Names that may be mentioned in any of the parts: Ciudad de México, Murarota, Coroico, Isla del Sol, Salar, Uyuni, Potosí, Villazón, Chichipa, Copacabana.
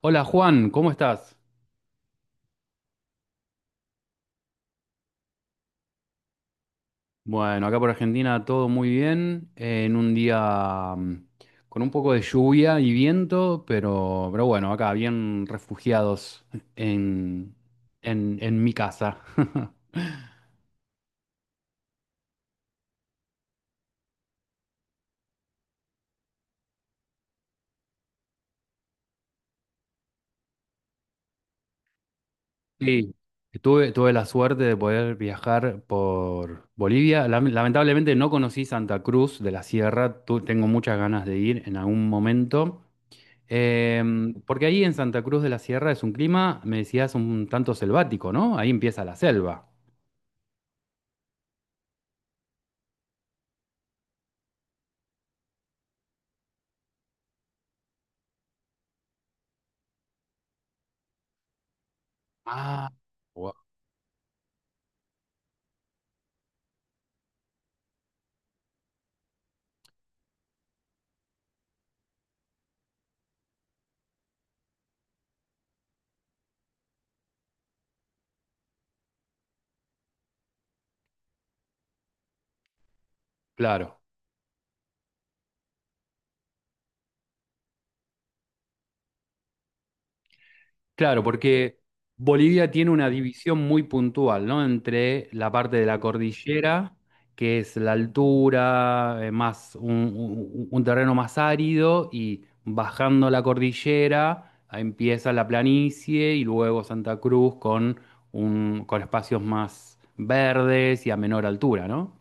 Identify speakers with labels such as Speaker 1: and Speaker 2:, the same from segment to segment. Speaker 1: Hola Juan, ¿cómo estás? Bueno, acá por Argentina todo muy bien, en un día con un poco de lluvia y viento, pero bueno, acá bien refugiados en, en mi casa. Sí, tuve la suerte de poder viajar por Bolivia. Lamentablemente no conocí Santa Cruz de la Sierra, tengo muchas ganas de ir en algún momento. Porque ahí en Santa Cruz de la Sierra es un clima, me decías, un tanto selvático, ¿no? Ahí empieza la selva. Ah, gua- Claro, claro, porque Bolivia tiene una división muy puntual, ¿no? Entre la parte de la cordillera, que es la altura, más un terreno más árido, y bajando la cordillera ahí empieza la planicie y luego Santa Cruz con, un, con espacios más verdes y a menor altura, ¿no?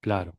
Speaker 1: Claro.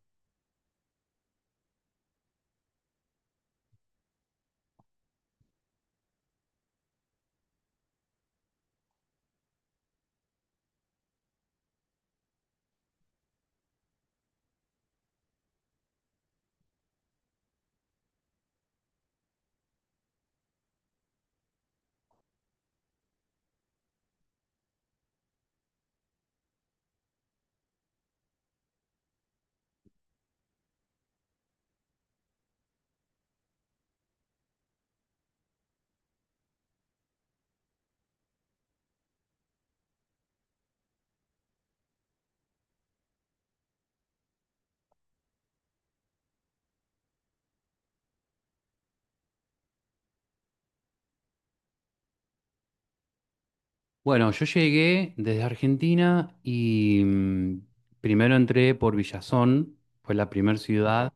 Speaker 1: Bueno, yo llegué desde Argentina y primero entré por Villazón, fue la primera ciudad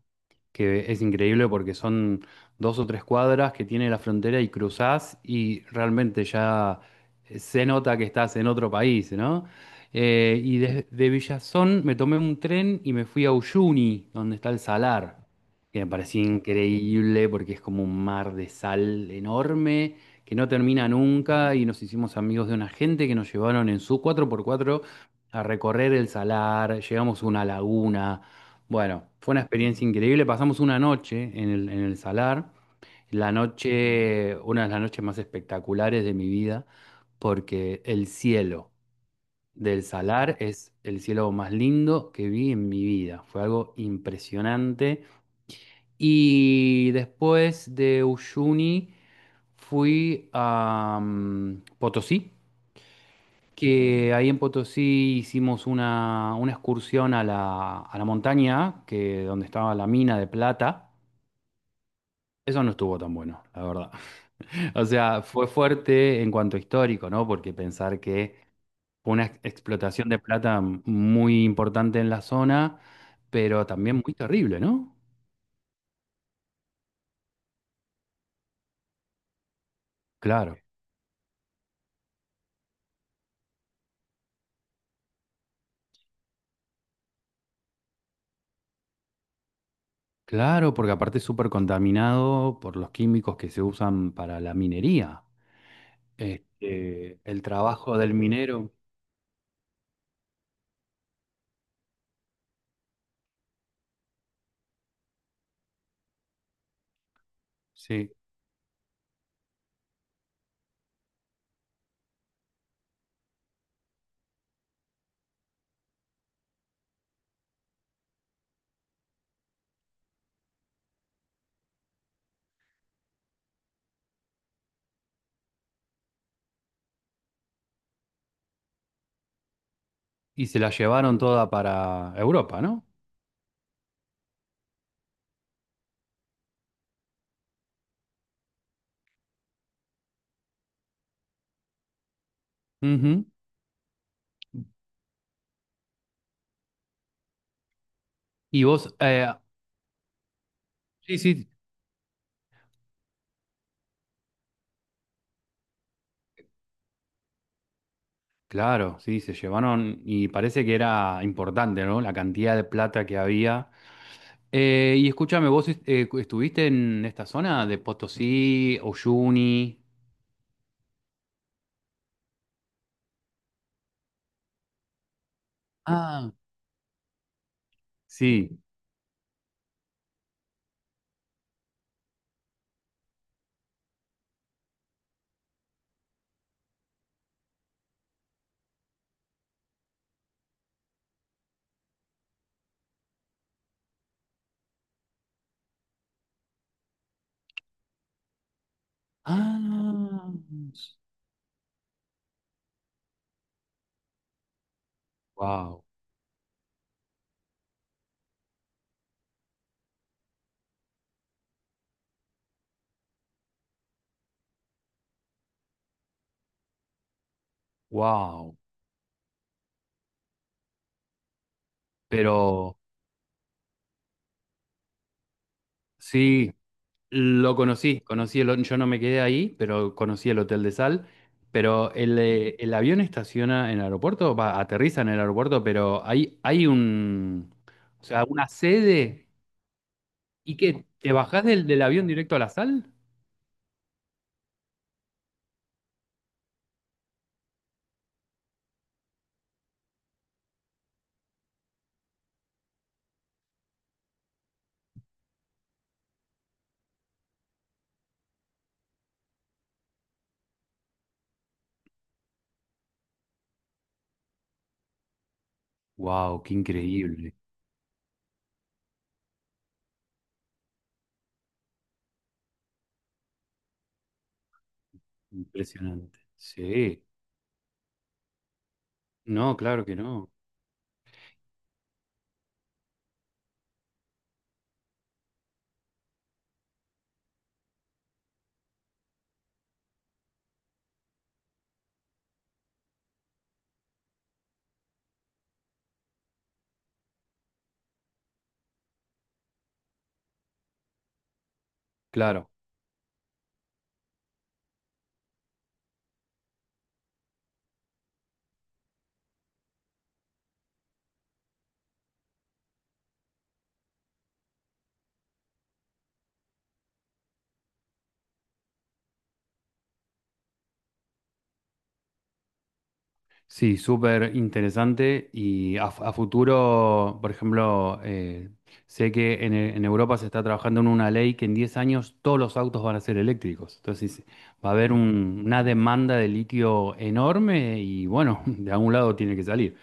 Speaker 1: que es increíble porque son dos o tres cuadras que tiene la frontera y cruzás y realmente ya se nota que estás en otro país, ¿no? Y desde Villazón me tomé un tren y me fui a Uyuni, donde está el salar, que me parecía increíble porque es como un mar de sal enorme que no termina nunca y nos hicimos amigos de una gente que nos llevaron en su cuatro por cuatro a recorrer el salar, llegamos a una laguna. Bueno, fue una experiencia increíble. Pasamos una noche en en el Salar, la noche, una de las noches más espectaculares de mi vida, porque el cielo del Salar es el cielo más lindo que vi en mi vida. Fue algo impresionante. Y después de Uyuni fui a Potosí, que ahí en Potosí hicimos una excursión a a la montaña, que, donde estaba la mina de plata. Eso no estuvo tan bueno, la verdad. O sea, fue fuerte en cuanto a histórico, ¿no? Porque pensar que fue una explotación de plata muy importante en la zona, pero también muy terrible, ¿no? Claro, claro, porque aparte es súper contaminado por los químicos que se usan para la minería. Este, el trabajo del minero, sí. Y se la llevaron toda para Europa, ¿no? Ujú. Y vos, sí, sí, claro, sí, se llevaron y parece que era importante, ¿no? La cantidad de plata que había. Y escúchame, ¿vos estuviste en esta zona de Potosí, Uyuni? Ah, sí. Ah, wow, wow. Pero sí, lo conocí, conocí el, yo no me quedé ahí, pero conocí el Hotel de Sal. Pero el avión estaciona en el aeropuerto, va, aterriza en el aeropuerto, pero hay un, o sea, una sede. ¿Y qué? ¿Te bajás del, del avión directo a la sal? ¡Wow! ¡Qué increíble! Impresionante. Sí. No, claro que no. Claro. Sí, súper interesante y a futuro, por ejemplo, sé que en, en Europa se está trabajando en una ley que en 10 años todos los autos van a ser eléctricos. Entonces va a haber una demanda de litio enorme y bueno, de algún lado tiene que salir.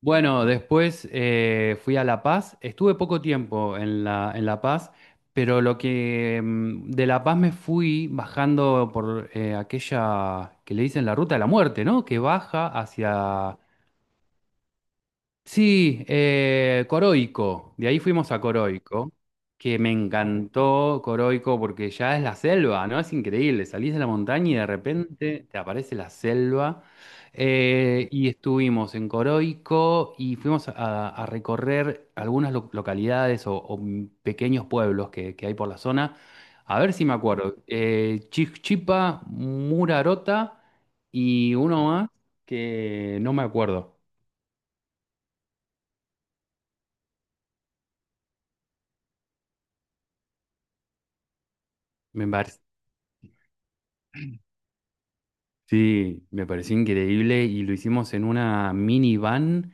Speaker 1: Bueno, después fui a La Paz. Estuve poco tiempo en en La Paz, pero lo que de La Paz me fui bajando por aquella que le dicen la ruta de la muerte, ¿no? Que baja hacia sí, Coroico, de ahí fuimos a Coroico, que me encantó Coroico porque ya es la selva, ¿no? Es increíble, salís de la montaña y de repente te aparece la selva. Y estuvimos en Coroico y fuimos a recorrer algunas localidades o pequeños pueblos que hay por la zona. A ver si me acuerdo. Chichipa, Murarota y uno más que no me acuerdo. Sí, me pareció increíble y lo hicimos en una minivan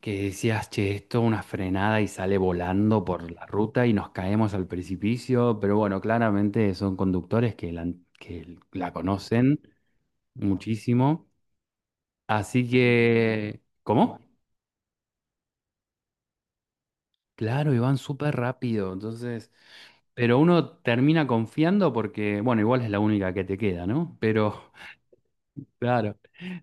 Speaker 1: que decías, che, esto una frenada y sale volando por la ruta y nos caemos al precipicio, pero bueno, claramente son conductores que que la conocen muchísimo, así que, ¿cómo? Claro, y van súper rápido, entonces, pero uno termina confiando porque, bueno, igual es la única que te queda, ¿no? Pero... Claro,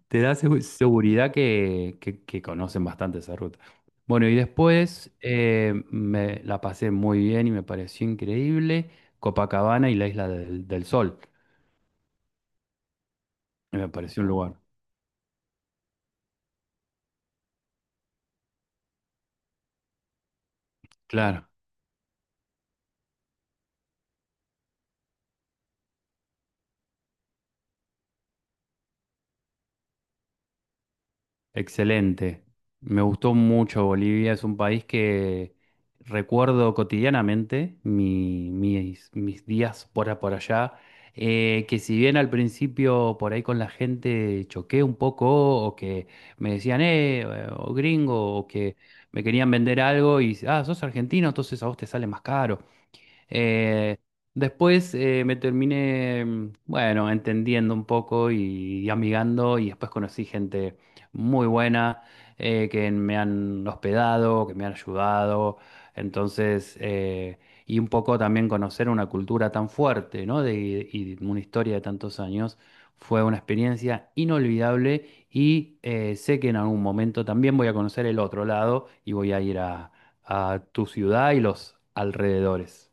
Speaker 1: te da seguridad que, que conocen bastante esa ruta. Bueno, y después me la pasé muy bien y me pareció increíble Copacabana y la Isla del, del Sol. Me pareció un lugar. Claro, excelente. Me gustó mucho Bolivia. Es un país que recuerdo cotidianamente mis, mis días por, por allá. Que si bien al principio por ahí con la gente choqué un poco o que me decían, o gringo, o que me querían vender algo y, ah, sos argentino, entonces a vos te sale más caro. Eh, Después bueno, entendiendo un poco y amigando y después conocí gente muy buena que me han hospedado, que me han ayudado. Entonces, y un poco también conocer una cultura tan fuerte, ¿no? De, y una historia de tantos años. Fue una experiencia inolvidable y sé que en algún momento también voy a conocer el otro lado y voy a ir a tu ciudad y los alrededores.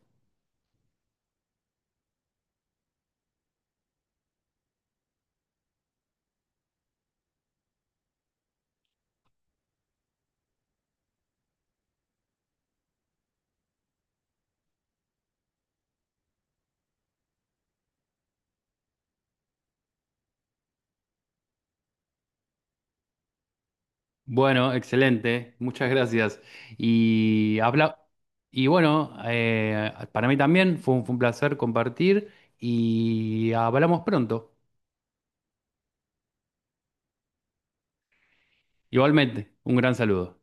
Speaker 1: Bueno, excelente, muchas gracias. Y habla y bueno, para mí también fue un placer compartir y hablamos pronto. Igualmente, un gran saludo.